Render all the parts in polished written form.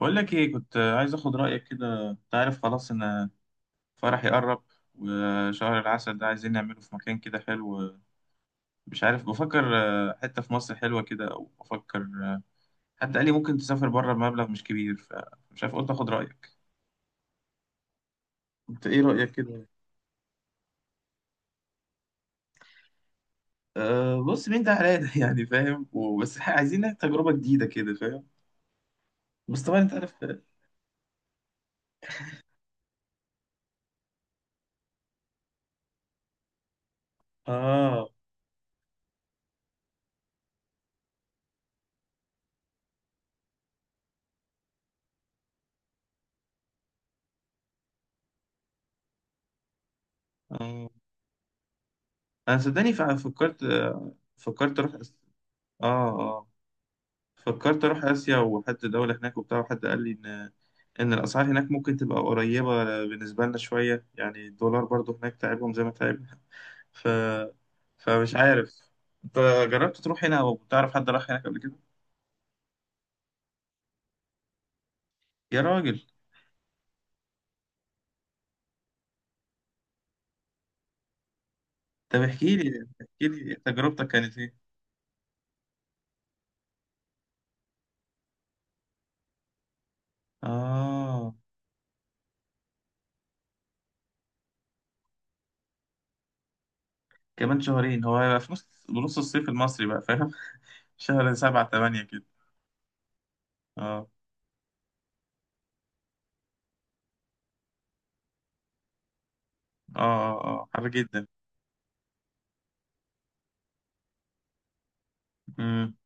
بقول لك ايه، كنت عايز اخد رايك كده، انت عارف خلاص ان فرحي قرب، وشهر العسل ده عايزين نعمله في مكان كده حلو. مش عارف، بفكر حته في مصر حلوه كده، او بفكر حد قال لي ممكن تسافر بره بمبلغ مش كبير، فمش عارف قلت اخد رايك. انت ايه رايك كده؟ مم. أه، بص مين ده حلال يعني فاهم وبس. عايزين تجربه جديده كده، فاهم. بس طبعا انت عارف. اه، اه. انا صدقني فكرت اروح اه آه. فكرت اروح اسيا، وحد دولة هناك وبتاع. وحد قال لي ان الاسعار هناك ممكن تبقى قريبة بالنسبة لنا شوية، يعني الدولار برضو هناك تعبهم زي ما تعبنا. ف فمش عارف، انت جربت تروح هنا او تعرف حد راح هناك قبل كده؟ يا راجل، طب احكي لي، احكي لي تجربتك كانت ايه. اه، كمان شهرين هو هيبقى في نص بنص الصيف المصري بقى، فاهم. شهر سبعة تمانية كده. اه، اه، اه، اه، حر جدا. امم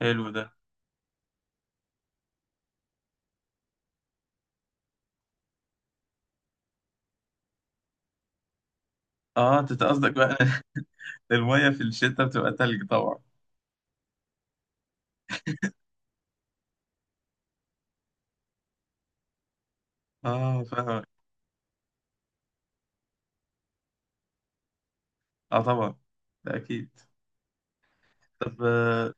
حلو ده. اه انت قصدك بقى المية في الشتاء بتبقى تلج طبعا. اه فاهم. اه طبعا، ده اكيد. طب اه.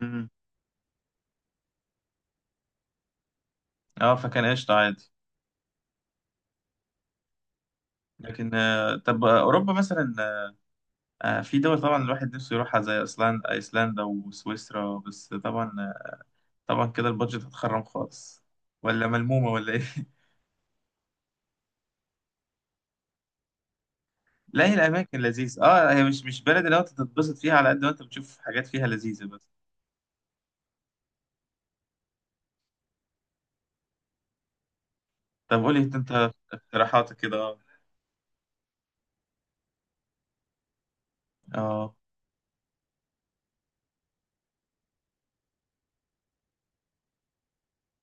مم. فكان قشطة عادي. لكن طب اوروبا مثلا في دول طبعا الواحد نفسه يروحها زي ايسلندا وسويسرا. بس طبعا كده البادجت هتخرم خالص، ولا ملمومة، ولا ايه؟ لا هي الاماكن لذيذة، اه. هي مش بلد اللي انت تتبسط فيها على قد ما انت بتشوف حاجات فيها لذيذة، بس. طب قولي انت اقتراحاتك كده، اه. اه،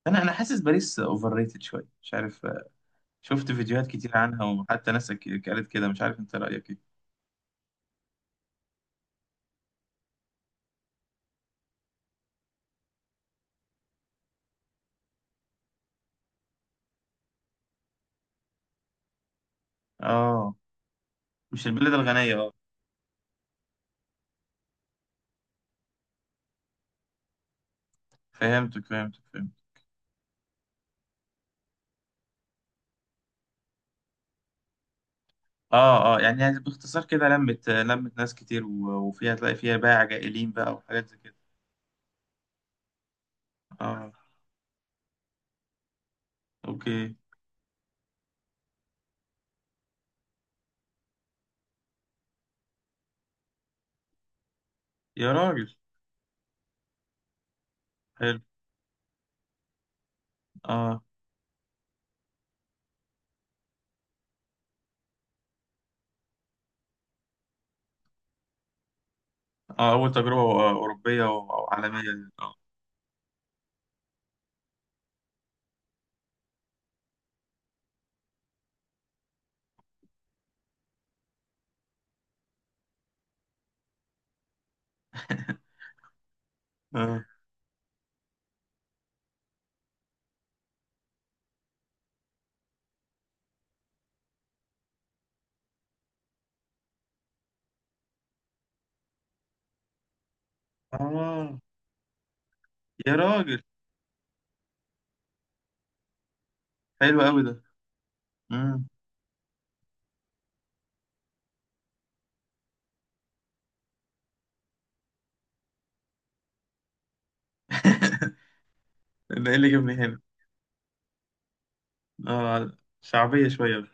انا حاسس باريس اوفر ريتد شوية، مش عارف. شفت فيديوهات كتير عنها، وحتى ناس قالت كده. مش عارف انت رأيك ايه. اه، مش البلاد الغنية، اه. فهمتك، فهمتك، فهمت. اه، اه، يعني، باختصار كده، لمت، لمت ناس كتير، وفيها تلاقي فيها بايع جائلين بقى وحاجات زي كده. اه، اوكي. يا راجل، حلو، اه، اه، اول تجربة أوروبية وعالمية، اه. اه آه، يا راجل، حلو قوي ده. امم ده ايه اللي جابني هنا. اه، شعبية شوية.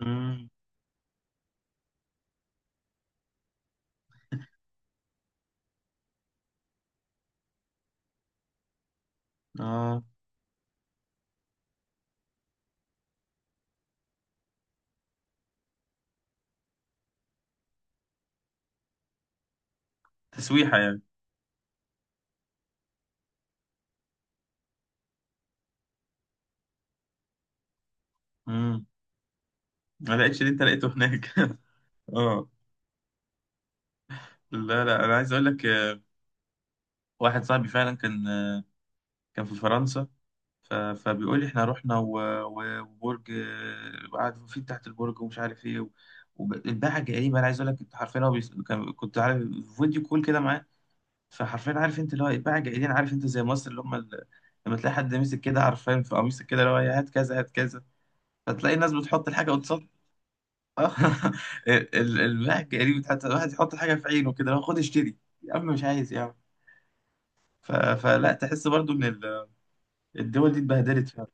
امم اه تسويحة يعني. امم ما لقيتش اللي انت لقيته هناك. اه. لا، لا، انا عايز اقول لك واحد صاحبي فعلا كان كان في فرنسا. فبيقول لي احنا رحنا وبرج وقعد فيه تحت البرج ومش عارف ايه، والباعة جايبه. انا عايز اقول لك، انت عارفين، هو كنت عارف، فيديو كول كده معاه. فحرفيا عارف انت اللي هو الباعة جايين، عارف انت زي مصر، اللي هم لما تلاقي حد ماسك كده، عارفين، في قميصك كده، اللي هو هات كذا، هات كذا، فتلاقي الناس بتحط الحاجه. اه الواحد جريء، حتى الواحد يحط الحاجه في عينه كده، لو خد اشتري. يا عم مش عايز، يا عم. فلا تحس برضو ان الدول دي اتبهدلت فعلا.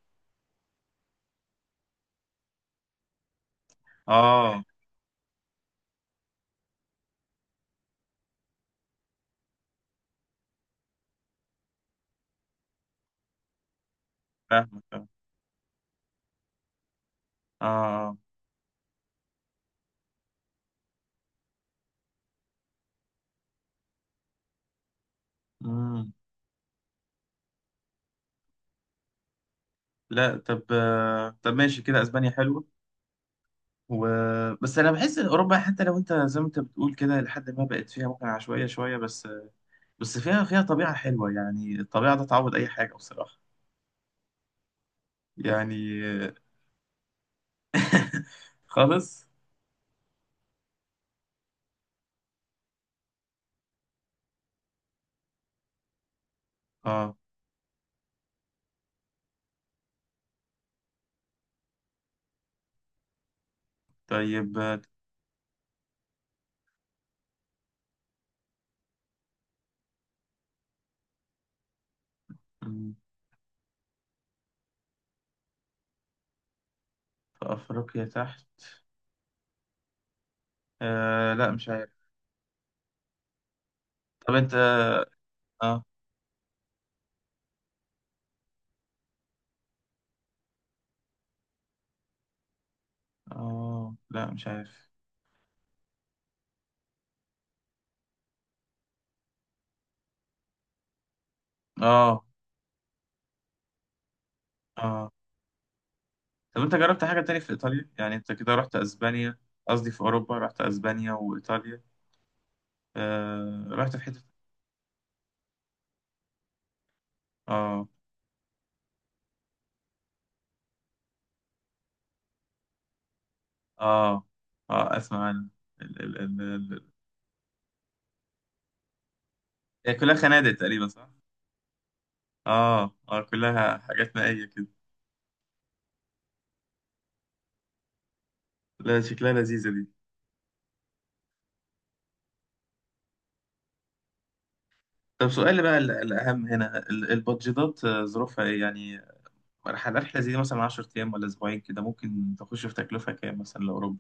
اه، فاهمك، اه، اه. امم لا طب طب ماشي كده، اسبانيا حلوه. و... بس انا بحس ان اوروبا حتى لو انت زي ما انت بتقول كده، لحد ما بقت فيها ممكن عشوائيه شويه، بس بس فيها طبيعه حلوه، يعني الطبيعه ده تعوض اي حاجه بصراحه. يعني خالص. اه طيب. آه، في أفريقيا تحت. آه لا مش عارف. طب أنت. آه، آه، لا مش عارف. آه، آه. طب أنت جربت حاجة تاني في إيطاليا؟ يعني أنت كده رحت أسبانيا، قصدي في أوروبا رحت أسبانيا وإيطاليا. آه رحت في حتة، آه، آه، آه أسمع عن ال ال ال ال هي كلها خنادق تقريبا، صح؟ آه، آه، كلها حاجات مائية كده. لا شكلها لذيذة دي. طب سؤالي بقى، الأهم هنا البادجيتات ظروفها إيه يعني؟ رحلة زي دي مثلا 10 أيام ولا أسبوعين كده، ممكن تخش في تكلفة كام مثلا لأوروبا؟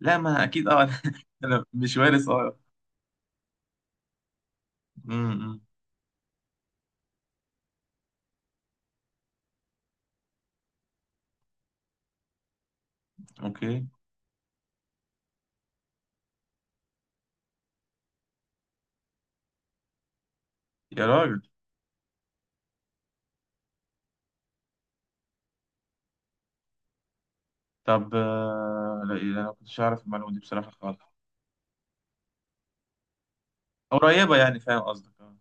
لا، ما أكيد أه، أنا أنا مش وارث، أه. أمم، أوكي. يا راجل، طب لا إيه، أنا ما كنتش أعرف المعلومة دي بصراحة خالص. قريبة يعني، فاهم قصدك، أه،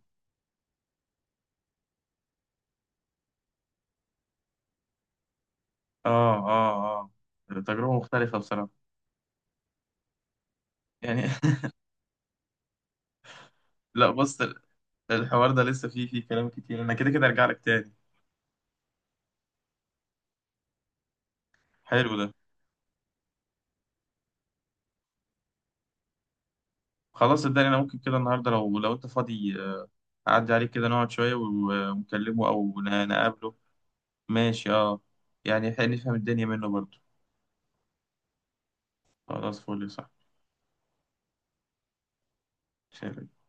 أه، أه. آه. تجربة مختلفة بصراحة. يعني لا بص، الحوار ده لسه فيه كلام كتير. أنا كده كده أرجع لك تاني. حلو ده. خلاص صدقني، أنا ممكن كده النهاردة لو أنت فاضي أعدي عليك كده، نقعد شوية ونكلمه أو نقابله. ماشي، اه. يعني حلو، نفهم الدنيا منه برضو. خلاص، فولي. صح.